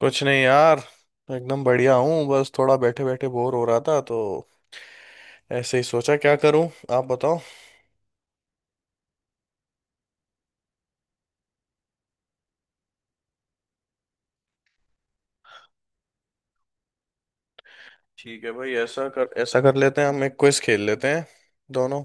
कुछ नहीं यार। एकदम बढ़िया हूँ, बस थोड़ा बैठे बैठे बोर हो रहा था तो ऐसे ही सोचा क्या करूँ। आप बताओ। ठीक है भाई, ऐसा कर लेते हैं, हम एक क्विज खेल लेते हैं दोनों।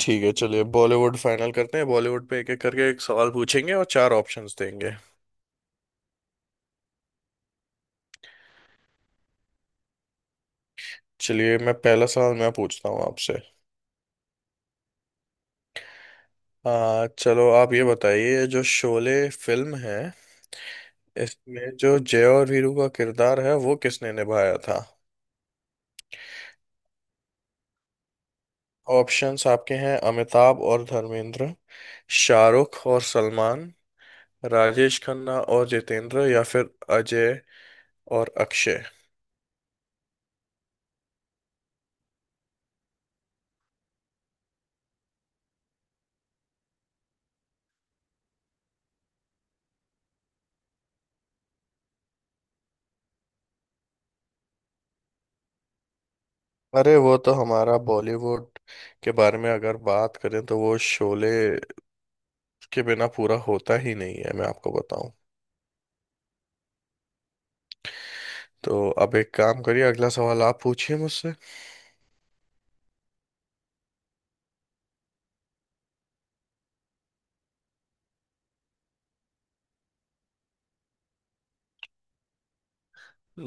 ठीक है, चलिए बॉलीवुड फाइनल करते हैं। बॉलीवुड पे एक एक करके एक सवाल पूछेंगे और चार ऑप्शंस देंगे। चलिए मैं पहला सवाल मैं पूछता हूँ आपसे। आ चलो आप ये बताइए, जो शोले फिल्म है, इसमें जो जय और वीरू का किरदार है वो किसने निभाया था। ऑप्शंस आपके हैं: अमिताभ और धर्मेंद्र, शाहरुख और सलमान, राजेश खन्ना और जितेंद्र, या फिर अजय और अक्षय। अरे वो तो, हमारा बॉलीवुड के बारे में अगर बात करें तो वो शोले के बिना पूरा होता ही नहीं है, मैं आपको बताऊं। तो अब एक काम करिए, अगला सवाल आप पूछिए मुझसे।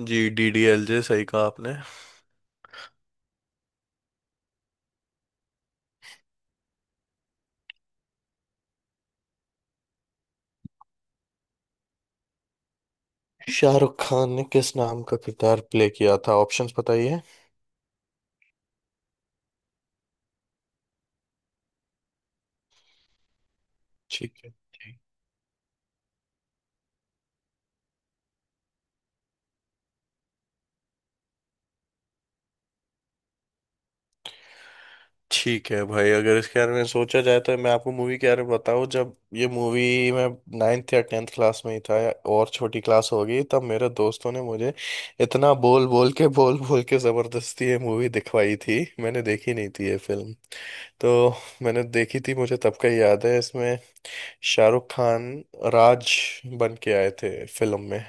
जी, DDLJ, सही कहा आपने। शाहरुख खान ने किस नाम का किरदार प्ले किया था, ऑप्शंस बताइए। ठीक है। ठीक है भाई, अगर इसके बारे में सोचा जाए तो मैं आपको मूवी के बारे में बताऊँ। जब ये मूवी, मैं नाइन्थ या टेंथ क्लास में ही था, या और छोटी क्लास होगी, तब मेरे दोस्तों ने मुझे इतना बोल बोल के ज़बरदस्ती ये मूवी दिखवाई थी। मैंने देखी नहीं थी ये फिल्म, तो मैंने देखी थी। मुझे तब का ही याद है, इसमें शाहरुख खान राज बन के आए थे फिल्म में।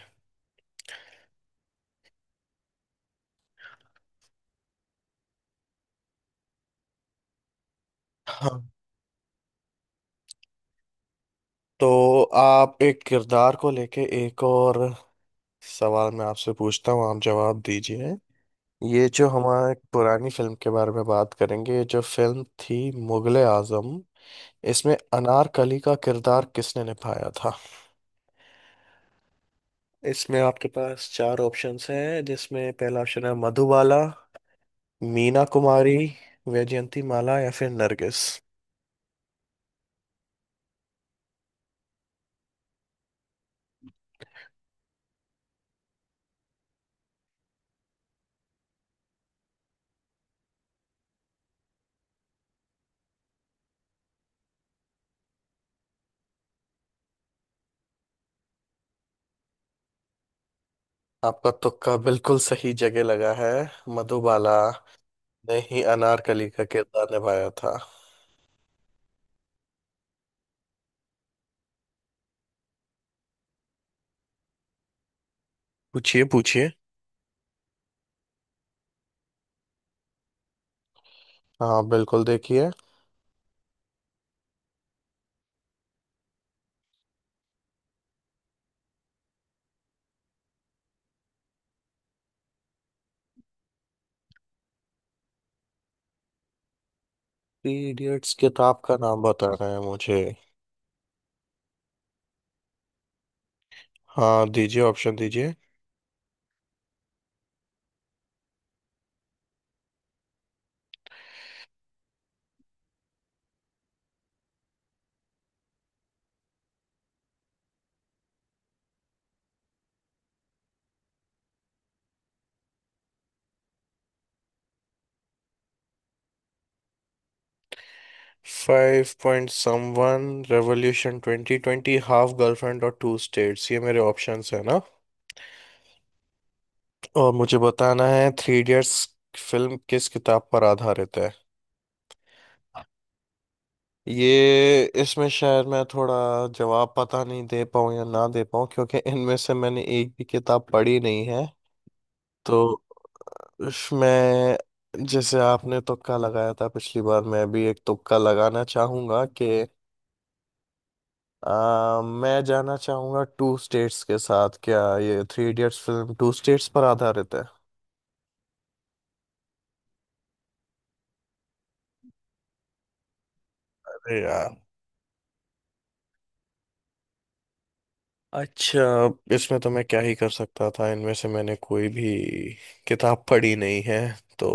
हाँ, तो आप, एक किरदार को लेके एक और सवाल मैं आपसे पूछता हूँ, आप जवाब दीजिए। ये जो हमारे पुरानी फिल्म के बारे में बात करेंगे, ये जो फिल्म थी मुगले आजम, इसमें अनारकली का किरदार किसने निभाया था। इसमें आपके पास चार ऑप्शंस हैं, जिसमें पहला ऑप्शन है मधुबाला, मीना कुमारी, वैजयंती माला या फिर नरगिस। आपका तुक्का बिल्कुल सही जगह लगा है। मधुबाला ने ही अनारकली का किरदार निभाया था। पूछिए पूछिए। हाँ बिल्कुल, देखिए। थ्री इडियट्स किताब का नाम बता रहे हैं मुझे। हाँ दीजिए, ऑप्शन दीजिए। Five point someone, revolution twenty twenty, half girlfriend और टू स्टेट्स, ये मेरे ऑप्शंस है ना। और मुझे बताना है थ्री इडियट्स फिल्म किस किताब पर आधारित है। ये इसमें शायद मैं थोड़ा जवाब पता नहीं दे पाऊँ या ना दे पाऊँ, क्योंकि इनमें से मैंने एक भी किताब पढ़ी नहीं है। तो इसमें जैसे आपने तुक्का लगाया था पिछली बार, मैं भी एक तुक्का लगाना चाहूंगा कि मैं जाना चाहूंगा टू स्टेट्स के साथ। क्या ये three idiots film two states पर आधारित है? अरे यार, अच्छा। इसमें तो मैं क्या ही कर सकता था, इनमें से मैंने कोई भी किताब पढ़ी नहीं है तो।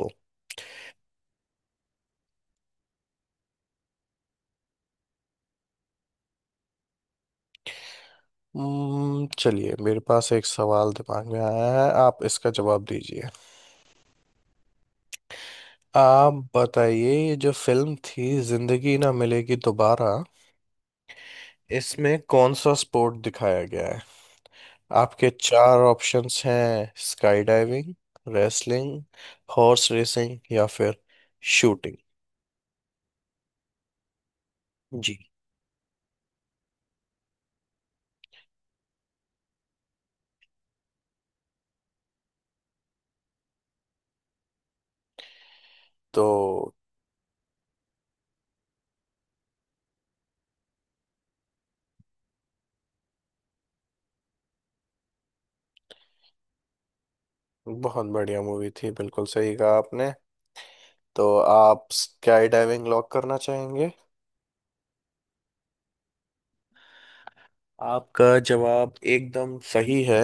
चलिए मेरे पास एक सवाल दिमाग में आया है, आप इसका जवाब दीजिए। आप बताइए, ये जो फिल्म थी जिंदगी ना मिलेगी दोबारा, इसमें कौन सा स्पोर्ट दिखाया गया है। आपके चार ऑप्शंस हैं: sky diving, wrestling, horse racing या फिर शूटिंग। जी। तो बहुत बढ़िया मूवी थी, बिल्कुल सही कहा आपने। तो आप स्काई डाइविंग लॉक करना चाहेंगे? आपका जवाब एकदम सही है।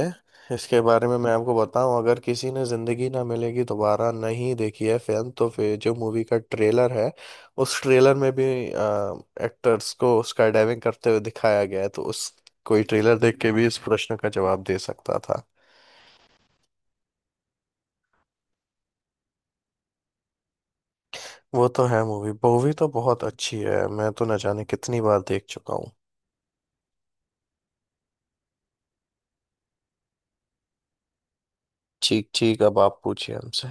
इसके बारे में मैं आपको बताऊं, अगर किसी ने जिंदगी ना मिलेगी दोबारा नहीं देखी है फिल्म तो फिर जो मूवी का ट्रेलर है उस ट्रेलर में भी एक्टर्स को स्काई डाइविंग करते हुए दिखाया गया है, तो उस, कोई ट्रेलर देख के भी इस प्रश्न का जवाब दे सकता था। वो तो है, मूवी मूवी तो बहुत अच्छी है, मैं तो न जाने कितनी बार देख चुका हूँ। ठीक ठीक, अब आप पूछिए हमसे।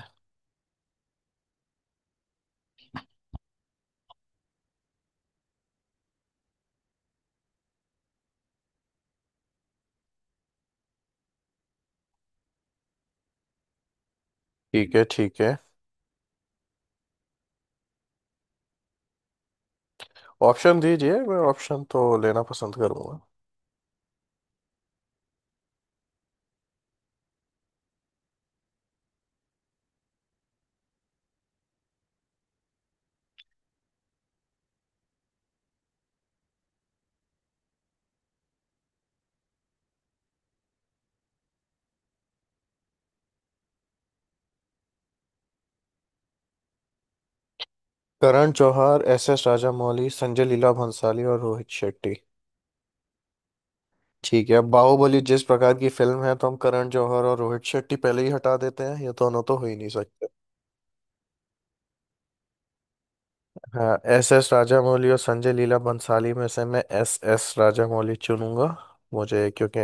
ठीक है ठीक है, ऑप्शन दीजिए, मैं ऑप्शन तो लेना पसंद करूंगा। करण जौहर, एस एस राजामौली, संजय लीला भंसाली और रोहित शेट्टी। ठीक है, अब बाहुबली जिस प्रकार की फिल्म है तो हम करण जौहर और रोहित शेट्टी पहले ही हटा देते हैं, ये दोनों तो हो ही नहीं सकते। हाँ, एस एस राजामौली और संजय लीला बंसाली में से मैं एस एस राजामौली चुनूंगा। मुझे क्योंकि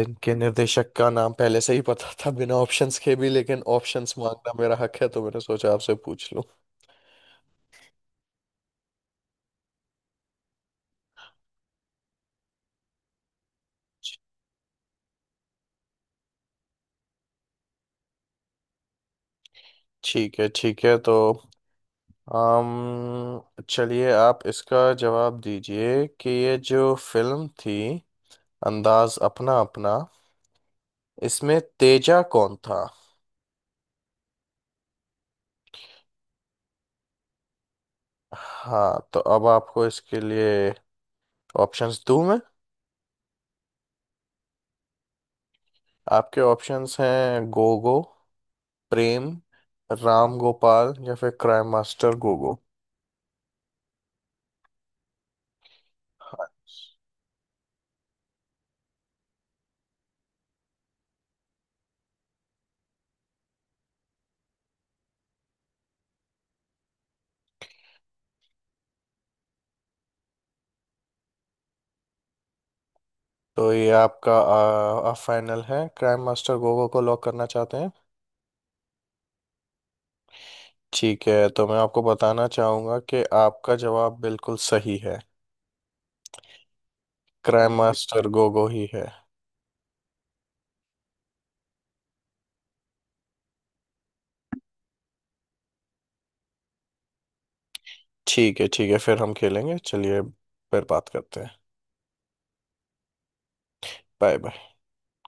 इनके निर्देशक का नाम पहले से ही पता था, बिना ऑप्शंस के भी, लेकिन ऑप्शंस मांगना मेरा हक है तो मैंने सोचा आपसे पूछ लूं। ठीक है ठीक है, तो आम चलिए आप इसका जवाब दीजिए कि ये जो फिल्म थी अंदाज अपना अपना, इसमें तेजा कौन था। हाँ तो अब आपको इसके लिए ऑप्शंस दूं मैं? आपके ऑप्शंस हैं: गोगो, प्रेम, राम गोपाल या फिर क्राइम मास्टर गोगो। तो ये आपका फाइनल है, क्राइम मास्टर गोगो को लॉक करना चाहते हैं? ठीक है, तो मैं आपको बताना चाहूंगा कि आपका जवाब बिल्कुल सही है। क्राइम मास्टर गोगो ही है। ठीक है ठीक है, फिर हम खेलेंगे, चलिए फिर बात करते हैं। Bye bye.